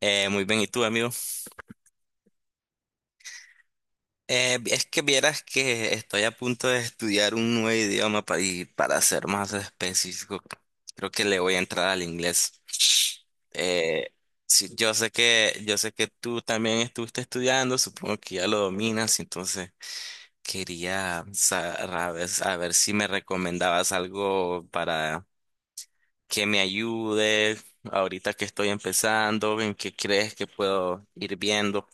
Muy bien, ¿y tú, amigo? Es que vieras que estoy a punto de estudiar un nuevo idioma y para ser más específico, creo que le voy a entrar al inglés. Eh, sí, yo sé que tú también estuviste estudiando, supongo que ya lo dominas, entonces quería saber, a ver si me recomendabas algo para que me ayude ahorita que estoy empezando, en qué crees que puedo ir viendo.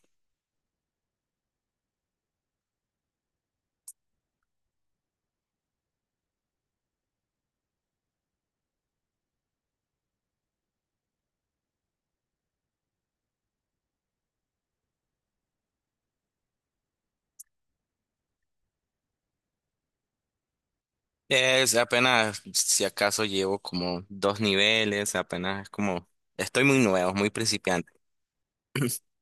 Es apenas, si acaso llevo como dos niveles, apenas es como, estoy muy nuevo, muy principiante.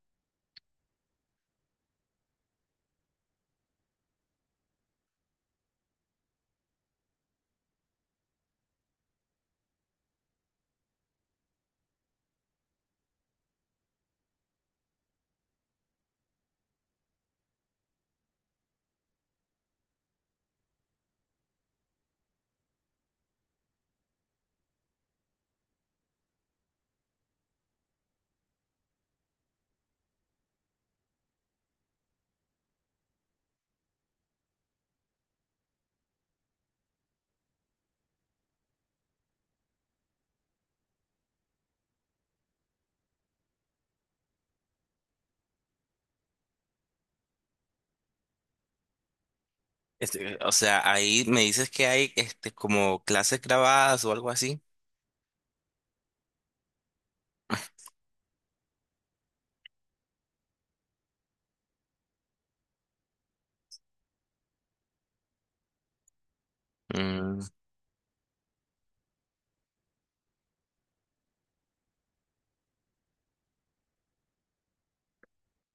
Este, o sea, ahí me dices que hay este como clases grabadas o algo así. Mm,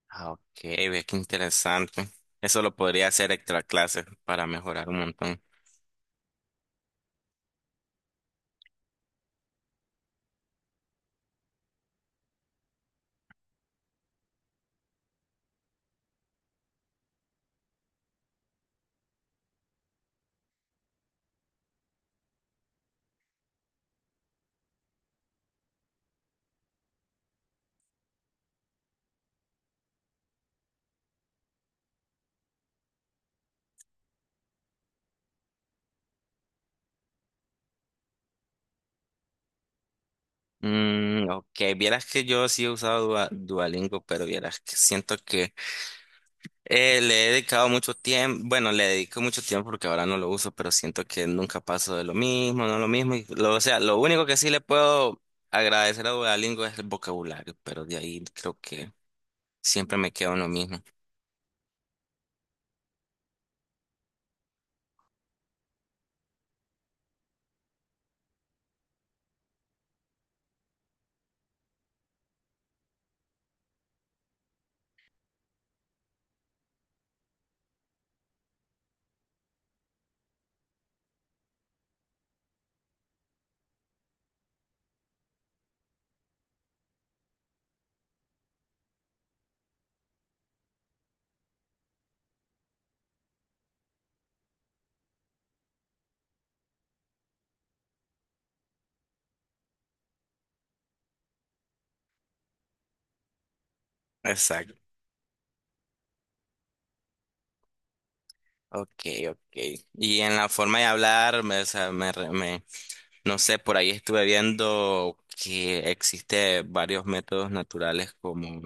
ah, ok, ve qué interesante. Eso lo podría hacer extra clases para mejorar un montón. Mm, ok, vieras que yo sí he usado Duolingo, pero vieras que siento que le he dedicado mucho tiempo, bueno, le dedico mucho tiempo porque ahora no lo uso, pero siento que nunca paso de lo mismo, no lo mismo. O sea, lo único que sí le puedo agradecer a Duolingo es el vocabulario, pero de ahí creo que siempre me quedo en lo mismo. Exacto. Ok, ok. Y en la forma de hablar, o sea, no sé, por ahí estuve viendo que existe varios métodos naturales como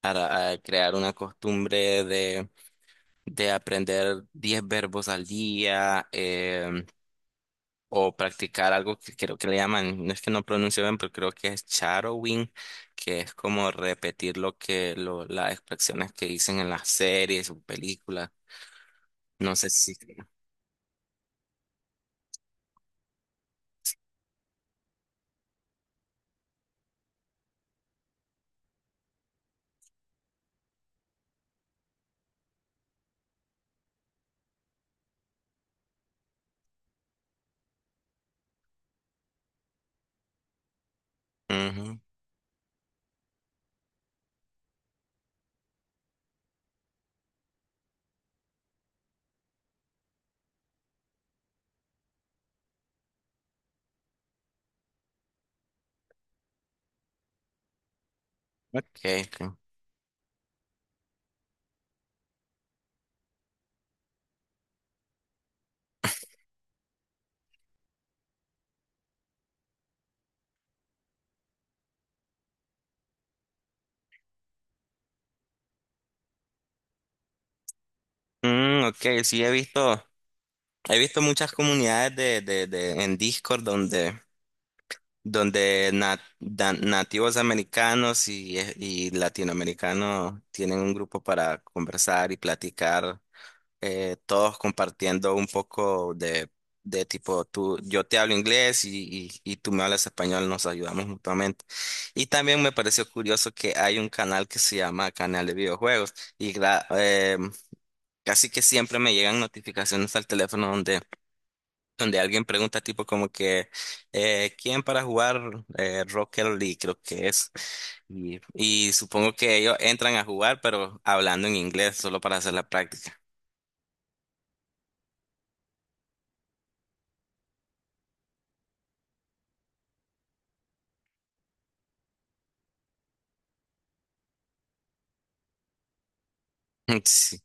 para crear una costumbre de aprender 10 verbos al día o practicar algo que creo que le llaman, no es que no pronuncio bien, pero creo que es shadowing, que es como repetir las expresiones que dicen en las series o películas. No sé si. Ujú. Okay, okay. Mm, okay, sí he visto muchas comunidades de en Discord donde donde nativos americanos y latinoamericanos tienen un grupo para conversar y platicar, todos compartiendo un poco de tipo, tú, yo te hablo inglés y tú me hablas español, nos ayudamos mutuamente. Y también me pareció curioso que hay un canal que se llama Canal de Videojuegos y casi que siempre me llegan notificaciones al teléfono donde donde alguien pregunta tipo como que ¿quién para jugar Rocket League? Creo que es. Y supongo que ellos entran a jugar, pero hablando en inglés solo para hacer la práctica. Sí.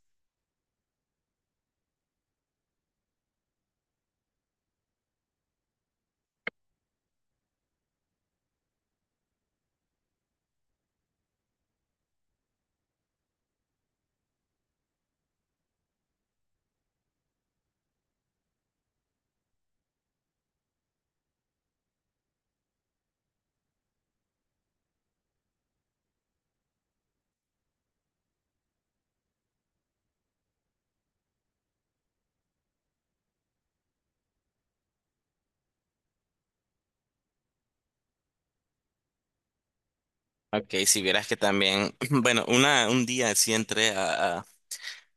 Ok, si vieras que también, bueno, una, un día sí entré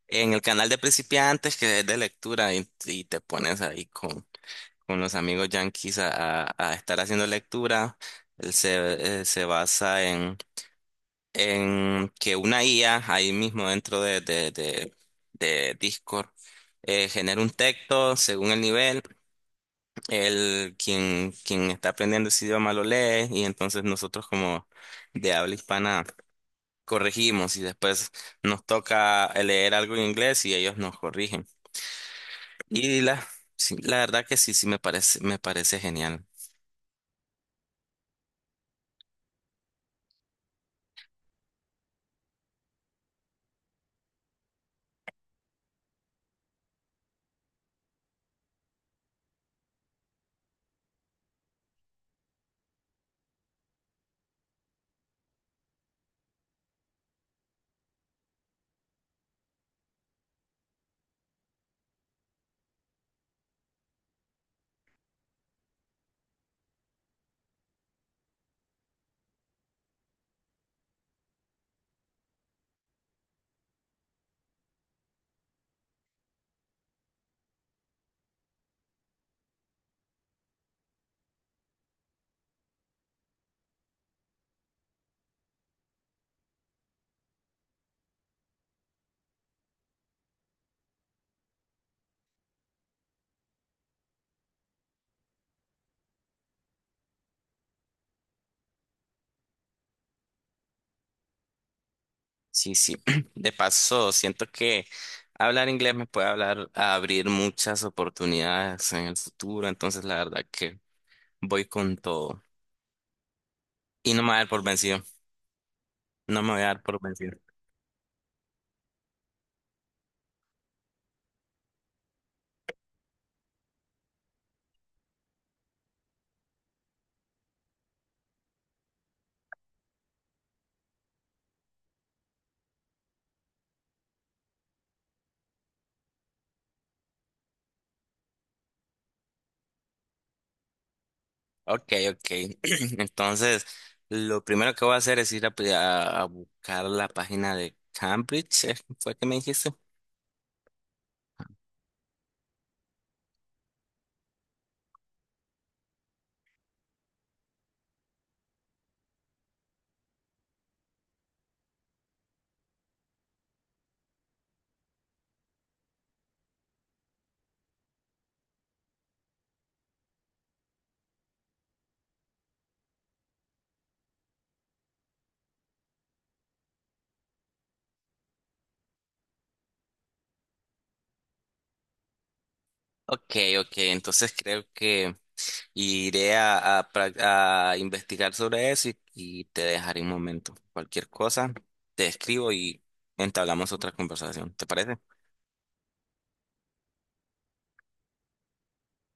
en el canal de principiantes que es de lectura y te pones ahí con los amigos yanquis a estar haciendo lectura. Se basa en que una IA ahí mismo dentro de Discord genera un texto según el nivel, quien está aprendiendo ese idioma lo lee y entonces nosotros como de habla hispana corregimos y después nos toca leer algo en inglés y ellos nos corrigen. Y la, sí, la verdad que sí, sí me parece genial. Sí, sí. De paso, siento que hablar inglés me puede hablar a abrir muchas oportunidades en el futuro, entonces la verdad que voy con todo. Y no me voy a dar por vencido, no me voy a dar por vencido. Ok, ok. Entonces, lo primero que voy a hacer es ir a buscar la página de Cambridge, ¿eh? ¿Fue que me dijiste? Ok, ok. Entonces creo que y iré a, a investigar sobre eso y te dejaré un momento. Cualquier cosa, te escribo y entablamos otra conversación. ¿Te parece?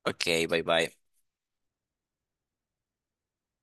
Ok, bye bye.